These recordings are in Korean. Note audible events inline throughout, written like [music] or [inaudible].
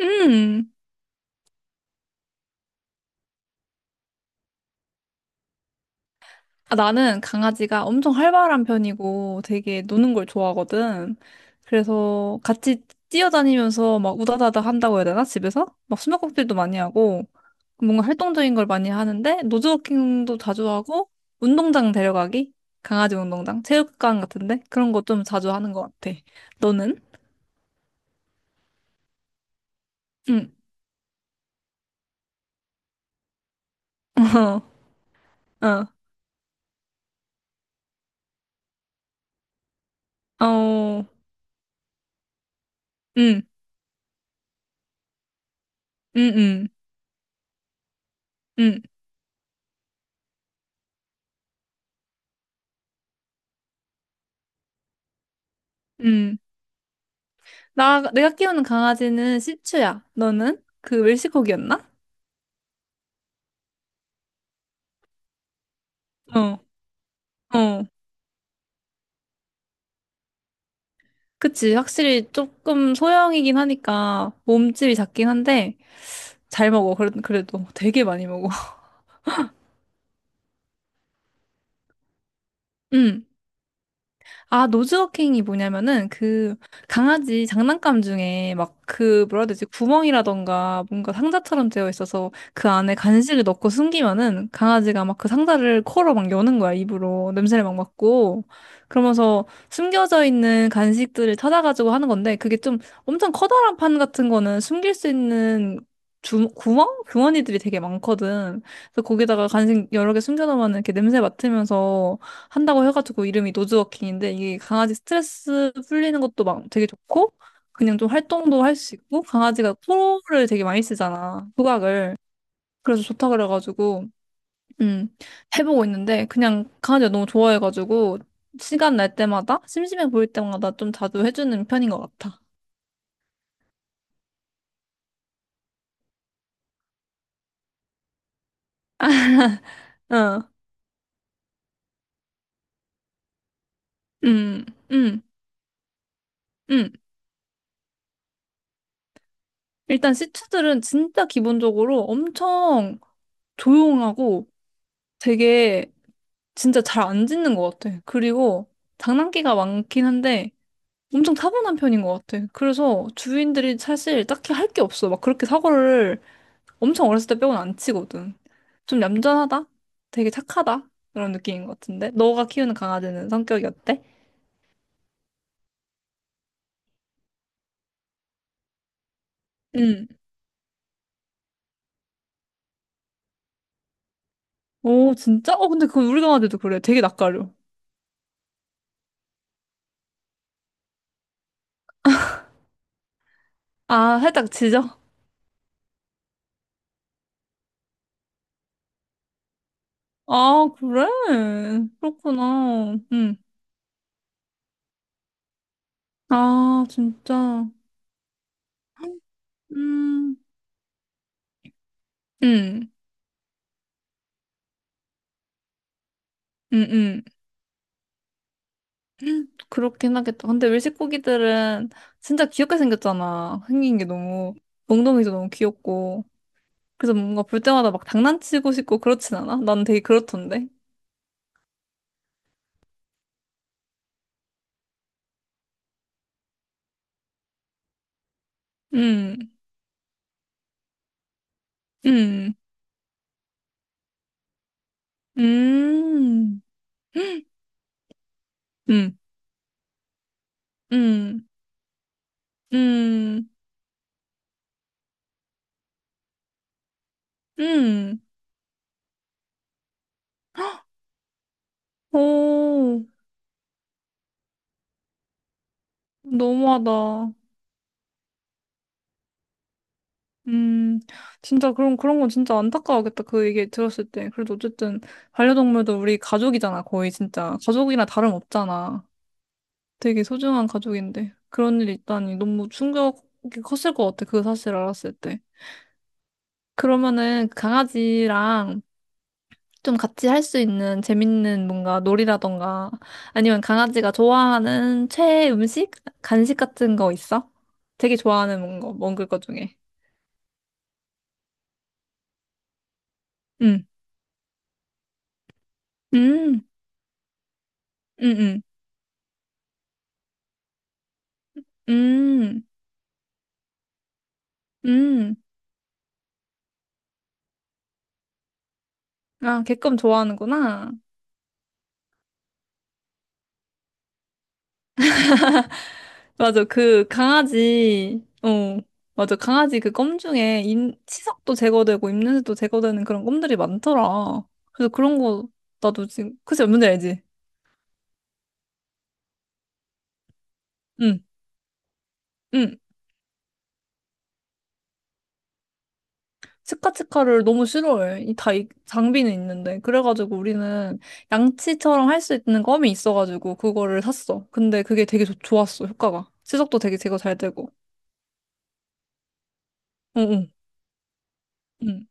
음. 아, 나는 강아지가 엄청 활발한 편이고 되게 노는 걸 좋아하거든. 그래서 같이 뛰어다니면서 막 우다다다 한다고 해야 되나? 집에서? 막 숨바꼭질도 많이 하고 뭔가 활동적인 걸 많이 하는데 노즈워킹도 자주 하고 운동장 데려가기? 강아지 운동장? 체육관 같은데? 그런 거 좀 자주 하는 것 같아. 너는? 응. [laughs] 어, 어, 어, 응, 응, 응, 응, 응. 내가 키우는 강아지는 시츄야. 너는? 그 웰시코기였나? 어, 어. 그치. 확실히 조금 소형이긴 하니까 몸집이 작긴 한데 잘 먹어. 그래, 그래도 되게 많이 먹어. [laughs] 응. 아, 노즈워킹이 뭐냐면은 그 강아지 장난감 중에 막 그 뭐라 해야 되지? 구멍이라던가 뭔가 상자처럼 되어 있어서 그 안에 간식을 넣고 숨기면은 강아지가 막 그 상자를 코로 막 여는 거야, 입으로. 냄새를 막 맡고. 그러면서 숨겨져 있는 간식들을 찾아가지고 하는 건데 그게 좀 엄청 커다란 판 같은 거는 숨길 수 있는 구멍? 주머니들이 되게 많거든. 그래서 거기다가 간식 여러 개 숨겨놓으면 이렇게 냄새 맡으면서 한다고 해가지고 이름이 노즈워킹인데 이게 강아지 스트레스 풀리는 것도 막 되게 좋고 그냥 좀 활동도 할 수 있고 강아지가 코를 되게 많이 쓰잖아. 후각을 그래서 좋다 그래가지고 음 해보고 있는데 그냥 강아지가 너무 좋아해가지고 시간 날 때마다 심심해 보일 때마다 좀 자주 해주는 편인 것 같아. [laughs] 어, 음, 음, 음. 일단 시츄들은 진짜 기본적으로 엄청 조용하고 되게 진짜 잘 안 짖는 것 같아. 그리고 장난기가 많긴 한데 엄청 타고난 편인 것 같아. 그래서 주인들이 사실 딱히 할 게 없어. 막 그렇게 사고를 엄청 어렸을 때 빼고는 안 치거든. 좀 얌전하다? 되게 착하다? 그런 느낌인 것 같은데? 너가 키우는 강아지는 성격이 어때? 응. 오, 진짜? 어, 근데 그건 우리 강아지도 그래. 되게 낯가려. 아, 살짝 짖어? 아, 그래? 그렇구나. 응. 아, 진짜. 음. 응, 응, 응. 그렇긴 하겠다. 근데 외식 고기들은 진짜 귀엽게 생겼잖아. 생긴 게 너무, 몽둥이도 너무 귀엽고. 그래서 뭔가 볼 때마다 막 장난치고 싶고 그렇진 않아? 난 되게 그렇던데. 음, 음, 음, 음, 음, 음, 음. 오, 너무하다. 음, 진짜 그런 건 진짜 안타까워하겠다. 그 얘기 들었을 때. 그래도 어쨌든 반려동물도 우리 가족이잖아. 거의 진짜. 가족이나 다름없잖아. 되게 소중한 가족인데 그런 일이 있다니 너무 충격이 컸을 것 같아. 그 사실 알았을 때. 그러면은 그 강아지랑 좀 같이 할 수 있는 재밌는 뭔가 놀이라던가 아니면 강아지가 좋아하는 최애 음식? 간식 같은 거 있어? 되게 좋아하는 뭔가 먹을 거 중에. 응. 음. 음. 음. 음. 음. 아, 개껌 좋아하는구나. 맞아. 그 강아지, 어, 맞아. 강아지 그 껌 중에 임, 치석도 제거되고 입냄새도 제거되는 그런 껌들이 많더라. 그래서 그런 거 나도 지금 그치 뭔지 알지? 응, 응. 치카치카를 너무 싫어해. 장비는 있는데 그래가지고 우리는 양치처럼 할 수 있는 껌이 있어가지고 그거를 샀어. 근데 그게 되게 좋았어 효과가. 치석도 되게 제거 잘 되고. 응, 응, 응,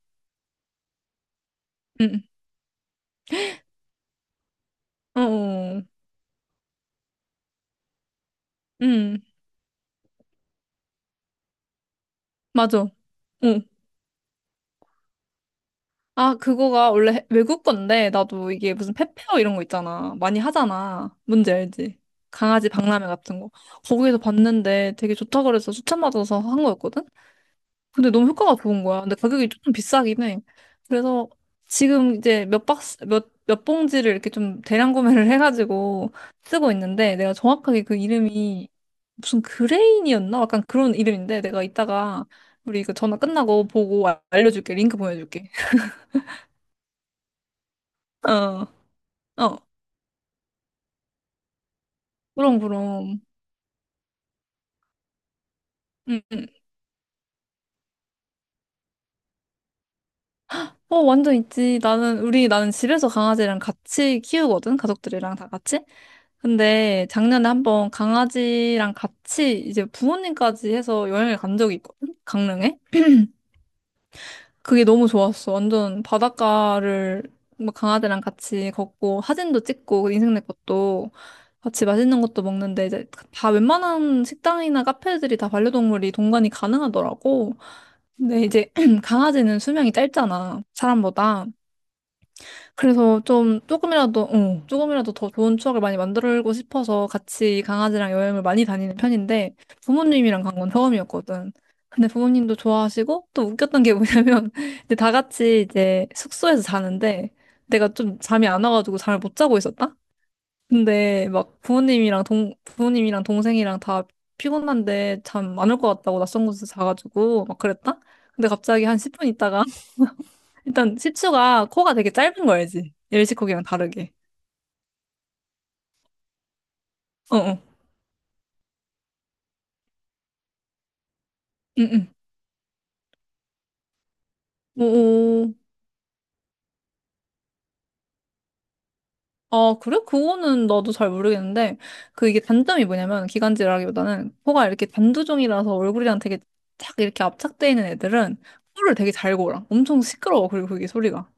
응, 응, 응, 응, 맞아. 응. 아, 그거가 원래 외국 건데, 나도 이게 무슨 페페어 이런 거 있잖아. 많이 하잖아. 뭔지 알지? 강아지 박람회 같은 거. 거기에서 봤는데 되게 좋다고 그래서 추천받아서 한 거였거든? 근데 너무 효과가 좋은 거야. 근데 가격이 조금 비싸긴 해. 그래서 지금 이제 몇 봉지를 이렇게 좀 대량 구매를 [laughs] 해가지고 쓰고 있는데, 내가 정확하게 그 이름이 무슨 그레인이었나? 약간 그런 이름인데, 내가 이따가 우리 이거 전화 끝나고 보고 알려줄게. 링크 보내줄게. [laughs] 어. 어. 그럼, 그럼. 응, 응. 어, 완전 있지. 나는 집에서 강아지랑 같이 키우거든. 가족들이랑 다 같이. 근데 작년에 한번 강아지랑 같이 이제 부모님까지 해서 여행을 간 적이 있거든. 강릉에. 그게 너무 좋았어. 완전 바닷가를 막 강아지랑 같이 걷고 사진도 찍고 인생 내 것도 같이 맛있는 것도 먹는데 이제 그 다 웬만한 식당이나 카페들이 다 반려동물이 동반이 가능하더라고. 근데 이제 [clears throat] 강아지는 수명이 짧잖아. 사람보다. 그래서 좀 조금이라도, 응, 조금이라도 더 좋은 추억을 많이 만들고 싶어서 같이 강아지랑 여행을 많이 다니는 편인데 부모님이랑 간 건 처음이었거든. 근데 부모님도 좋아하시고 또 웃겼던 게 뭐냐면 [laughs] 이제 다 같이 이제 숙소에서 자는데 내가 좀 잠이 안 와가지고 잠을 못 자고 있었다? 근데 막 부모님이랑 동생이랑 다 피곤한데 잠 안 올 것 같다고 낯선 곳에서 자가지고 막 그랬다? 근데 갑자기 한 10분 있다가 일단 시츄가 코가 되게 짧은 거 알지? 일시코기랑 다르게. 어, 어. 응, 응. 오, 아, 그래? 그거는 나도 잘 모르겠는데, 그 이게 단점이 뭐냐면, 기관지라기보다는 코가 이렇게 단두종이라서 얼굴이랑 되게 착 이렇게 압착돼 있는 애들은 코를 되게 잘 골아. 엄청 시끄러워. 그리고 그게 소리가.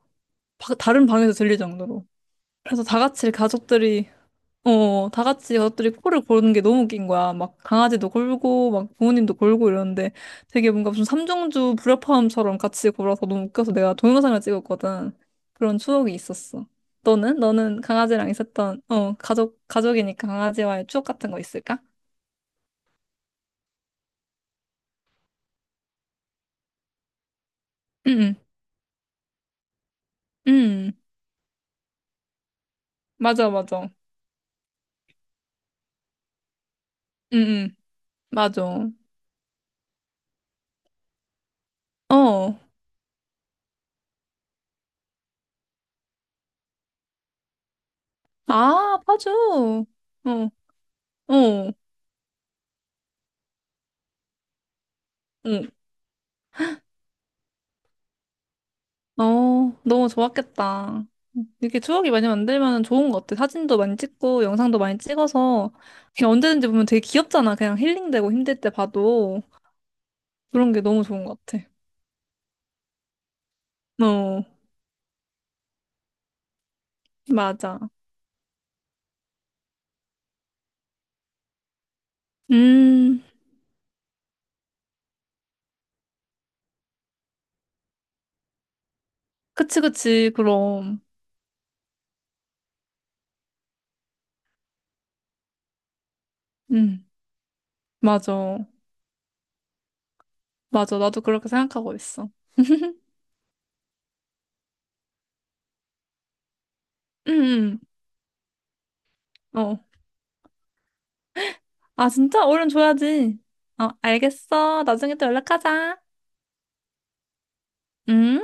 다른 방에서 들릴 정도로. 그래서 다 같이 가족들이 어, 다 같이 가족들이 코를 고르는 게 너무 웃긴 거야. 막 강아지도 골고, 막 부모님도 골고 이러는데 되게 뭔가 무슨 삼중주 불협화음처럼 같이 골아서 너무 웃겨서 내가 동영상을 찍었거든. 그런 추억이 있었어. 너는? 너는 강아지랑 있었던, 어, 가족이니까 강아지와의 추억 같은 거 있을까? 응, 응, 응. 맞아, 맞아. 응, 응, 맞아. 어. 아, 파주. 어, 어, 어. 어, 너무 좋았겠다. 이렇게 추억이 많이 만들면 좋은 것 같아. 사진도 많이 찍고, 영상도 많이 찍어서, 그냥 언제든지 보면 되게 귀엽잖아. 그냥 힐링되고 힘들 때 봐도. 그런 게 너무 좋은 것 같아. 어, 맞아. 음, 그치, 그치, 그럼. 음, 맞아. 맞아. 나도 그렇게 생각하고 있어. [laughs] 음, 음. 어. 아, 진짜? 얼른 줘야지. 어, 알겠어. 나중에 또 연락하자. 음?